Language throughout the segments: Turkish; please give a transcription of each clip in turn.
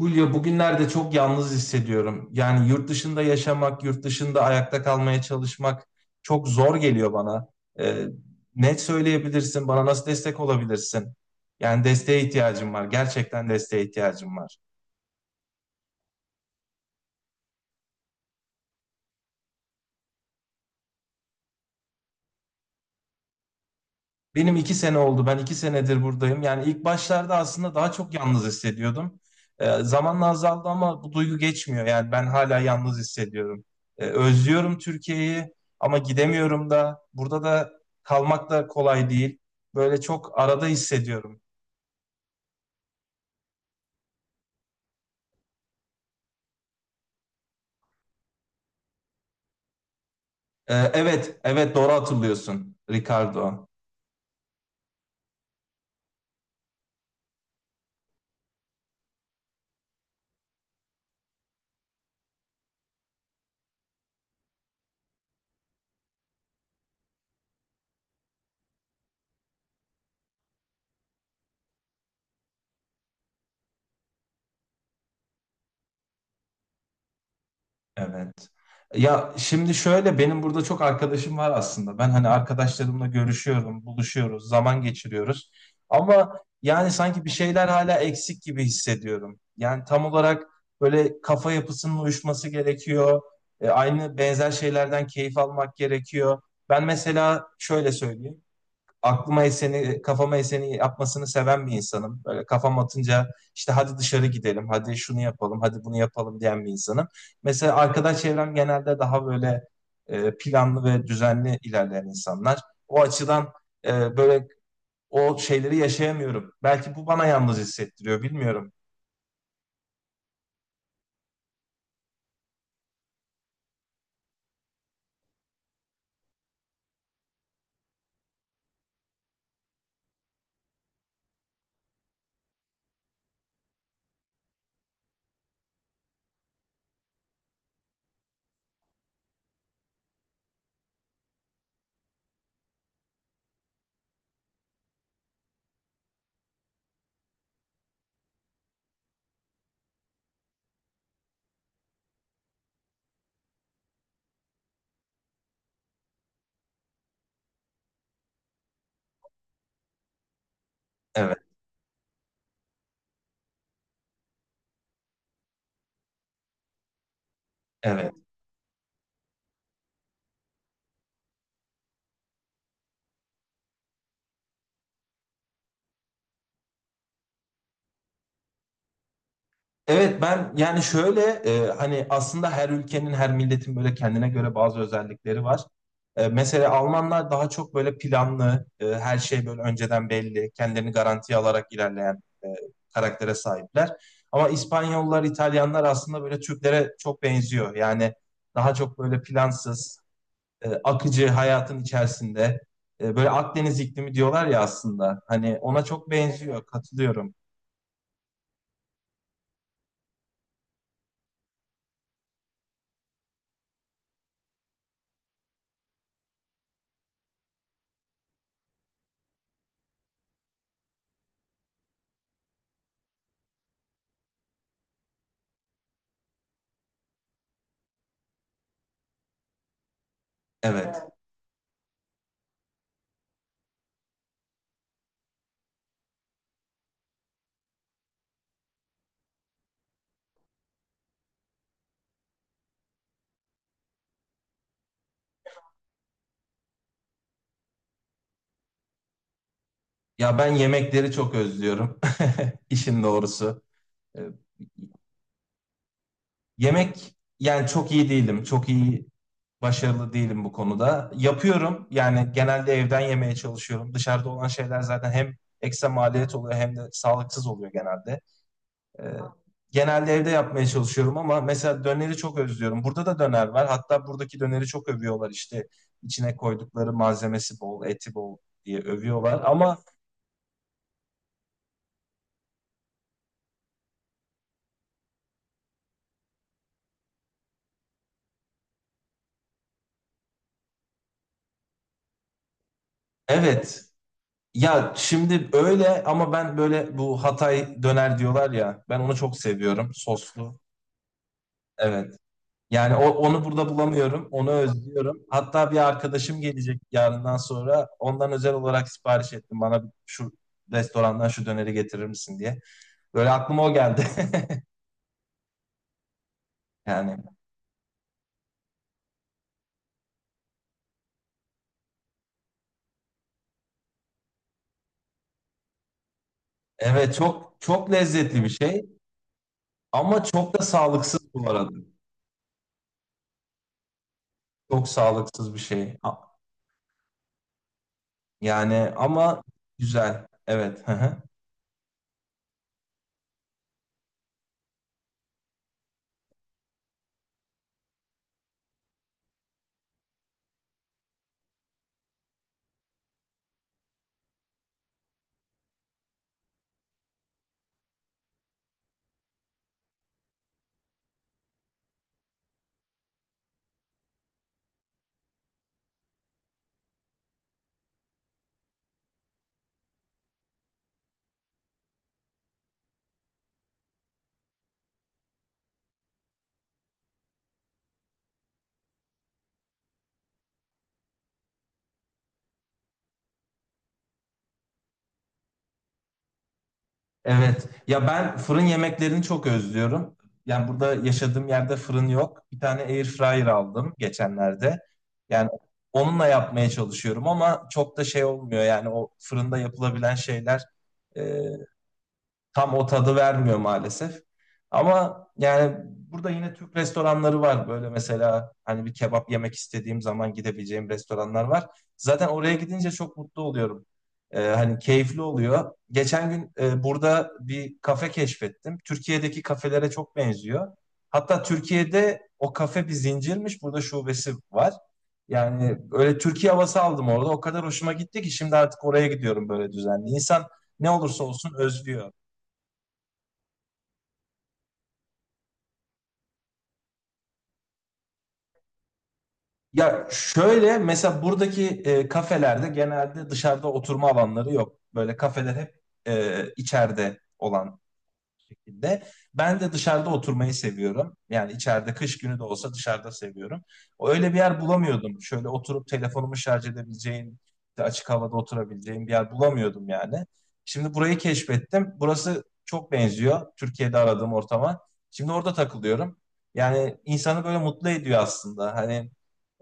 Hulya bugünlerde çok yalnız hissediyorum. Yani yurt dışında yaşamak, yurt dışında ayakta kalmaya çalışmak çok zor geliyor bana. Ee, ne söyleyebilirsin, bana nasıl destek olabilirsin? Yani desteğe ihtiyacım var, gerçekten desteğe ihtiyacım var. Benim 2 sene oldu. Ben 2 senedir buradayım. Yani ilk başlarda aslında daha çok yalnız hissediyordum. Zamanla azaldı ama bu duygu geçmiyor. Yani ben hala yalnız hissediyorum. Özlüyorum Türkiye'yi ama gidemiyorum da. Burada da kalmak da kolay değil. Böyle çok arada hissediyorum. Evet, evet, doğru hatırlıyorsun, Ricardo. Evet. Ya şimdi şöyle, benim burada çok arkadaşım var aslında. Ben hani arkadaşlarımla görüşüyorum, buluşuyoruz, zaman geçiriyoruz. Ama yani sanki bir şeyler hala eksik gibi hissediyorum. Yani tam olarak böyle kafa yapısının uyuşması gerekiyor. Aynı benzer şeylerden keyif almak gerekiyor. Ben mesela şöyle söyleyeyim, aklıma eseni, kafama eseni yapmasını seven bir insanım. Böyle kafam atınca işte hadi dışarı gidelim, hadi şunu yapalım, hadi bunu yapalım diyen bir insanım. Mesela arkadaş çevrem genelde daha böyle planlı ve düzenli ilerleyen insanlar. O açıdan böyle o şeyleri yaşayamıyorum. Belki bu bana yalnız hissettiriyor, bilmiyorum. Evet, evet. Evet, ben yani şöyle hani aslında her ülkenin, her milletin böyle kendine göre bazı özellikleri var. Mesela Almanlar daha çok böyle planlı, her şey böyle önceden belli, kendilerini garantiye alarak ilerleyen karaktere sahipler. Ama İspanyollar, İtalyanlar aslında böyle Türklere çok benziyor. Yani daha çok böyle plansız, akıcı hayatın içerisinde böyle Akdeniz iklimi diyorlar ya aslında. Hani ona çok, evet, benziyor. Katılıyorum. Evet. Ya ben yemekleri çok özlüyorum. İşin doğrusu. Ee, Yemek, yani çok iyi değilim. Çok iyi, başarılı değilim bu konuda. Yapıyorum, yani genelde evden yemeye çalışıyorum. Dışarıda olan şeyler zaten hem ekstra maliyet oluyor hem de sağlıksız oluyor genelde. Ee, genelde evde yapmaya çalışıyorum ama mesela döneri çok özlüyorum. Burada da döner var. Hatta buradaki döneri çok övüyorlar, işte içine koydukları malzemesi bol, eti bol diye övüyorlar. Ama evet. Ya şimdi öyle, ama ben böyle bu Hatay döner diyorlar ya, ben onu çok seviyorum, soslu. Evet. Yani onu burada bulamıyorum. Onu özlüyorum. Hatta bir arkadaşım gelecek yarından sonra. Ondan özel olarak sipariş ettim. Bana şu restorandan şu döneri getirir misin diye. Böyle aklıma o geldi. Yani, evet, çok çok lezzetli bir şey ama çok da sağlıksız bu arada. Çok sağlıksız bir şey. Yani ama güzel. Evet. Evet. Ya ben fırın yemeklerini çok özlüyorum. Yani burada yaşadığım yerde fırın yok. Bir tane air fryer aldım geçenlerde. Yani onunla yapmaya çalışıyorum ama çok da şey olmuyor. Yani o fırında yapılabilen şeyler tam o tadı vermiyor maalesef. Ama yani burada yine Türk restoranları var. Böyle mesela hani bir kebap yemek istediğim zaman gidebileceğim restoranlar var. Zaten oraya gidince çok mutlu oluyorum. Hani keyifli oluyor. Geçen gün burada bir kafe keşfettim. Türkiye'deki kafelere çok benziyor. Hatta Türkiye'de o kafe bir zincirmiş. Burada şubesi var. Yani öyle Türkiye havası aldım orada. O kadar hoşuma gitti ki şimdi artık oraya gidiyorum böyle düzenli. İnsan ne olursa olsun özlüyor. Ya şöyle, mesela buradaki kafelerde genelde dışarıda oturma alanları yok. Böyle kafeler hep içeride olan şekilde. Ben de dışarıda oturmayı seviyorum. Yani içeride kış günü de olsa dışarıda seviyorum. Öyle bir yer bulamıyordum. Şöyle oturup telefonumu şarj edebileceğim, işte açık havada oturabileceğim bir yer bulamıyordum yani. Şimdi burayı keşfettim. Burası çok benziyor Türkiye'de aradığım ortama. Şimdi orada takılıyorum. Yani insanı böyle mutlu ediyor aslında. Hani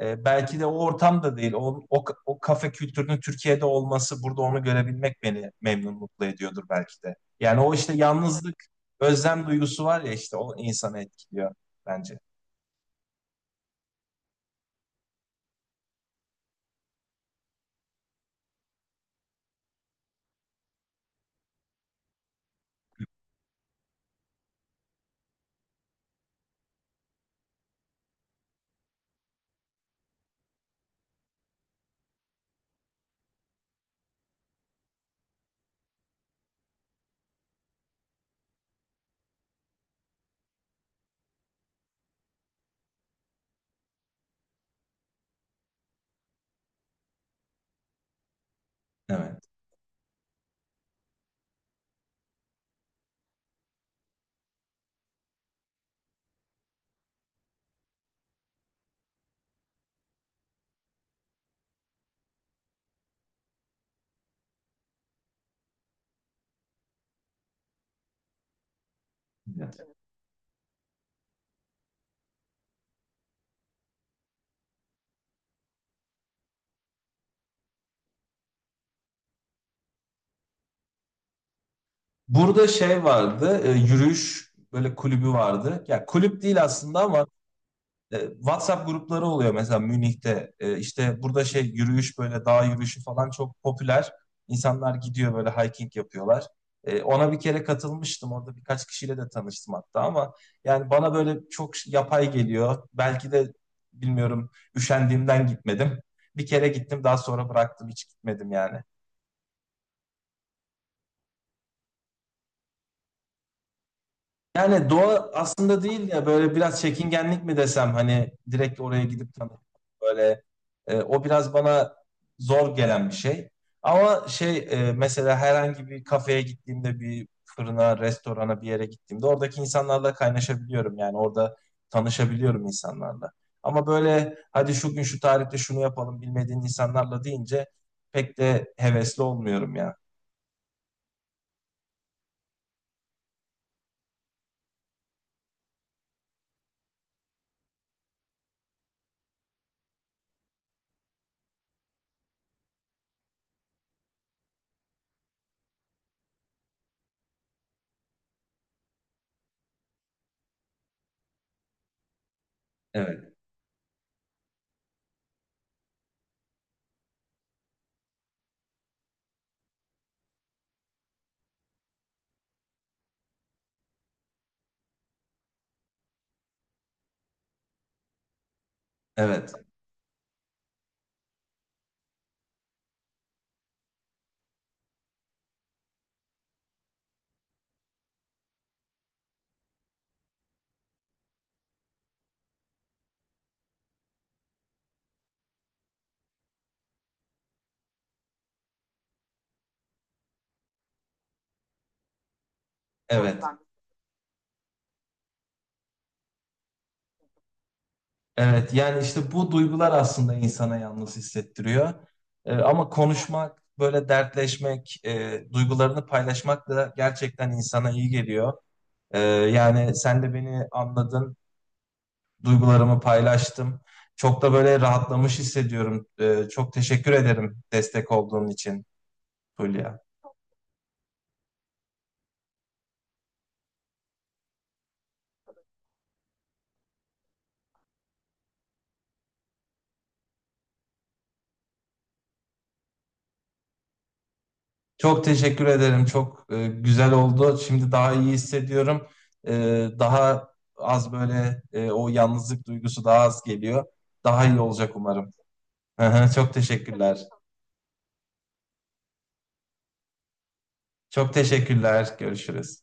belki de o ortam da değil. O kafe kültürünün Türkiye'de olması, burada onu görebilmek beni memnun, mutlu ediyordur belki de. Yani o işte, yalnızlık, özlem duygusu var ya, işte o insanı etkiliyor bence. Evet. Evet. Burada şey vardı, yürüyüş böyle kulübü vardı. Ya kulüp değil aslında ama WhatsApp grupları oluyor mesela Münih'te. E, işte burada şey, yürüyüş, böyle dağ yürüyüşü falan çok popüler. İnsanlar gidiyor, böyle hiking yapıyorlar. Ona bir kere katılmıştım. Orada birkaç kişiyle de tanıştım hatta ama yani bana böyle çok yapay geliyor. Belki de bilmiyorum, üşendiğimden gitmedim. Bir kere gittim, daha sonra bıraktım, hiç gitmedim yani. Yani doğa aslında değil ya, böyle biraz çekingenlik mi desem, hani direkt oraya gidip tanımak böyle o biraz bana zor gelen bir şey. Ama şey, mesela herhangi bir kafeye gittiğimde, bir fırına, restorana, bir yere gittiğimde oradaki insanlarla kaynaşabiliyorum, yani orada tanışabiliyorum insanlarla. Ama böyle hadi şu gün şu tarihte şunu yapalım bilmediğin insanlarla deyince pek de hevesli olmuyorum ya. Evet, evet, evet. Evet, yani işte bu duygular aslında insana yalnız hissettiriyor. Ama konuşmak, böyle dertleşmek, duygularını paylaşmak da gerçekten insana iyi geliyor. Yani sen de beni anladın, duygularımı paylaştım. Çok da böyle rahatlamış hissediyorum. Çok teşekkür ederim destek olduğun için, Hülya. Çok teşekkür ederim. Çok güzel oldu. Şimdi daha iyi hissediyorum. E, daha az, böyle o yalnızlık duygusu daha az geliyor. Daha iyi olacak umarım. Çok teşekkürler. Çok teşekkürler. Görüşürüz.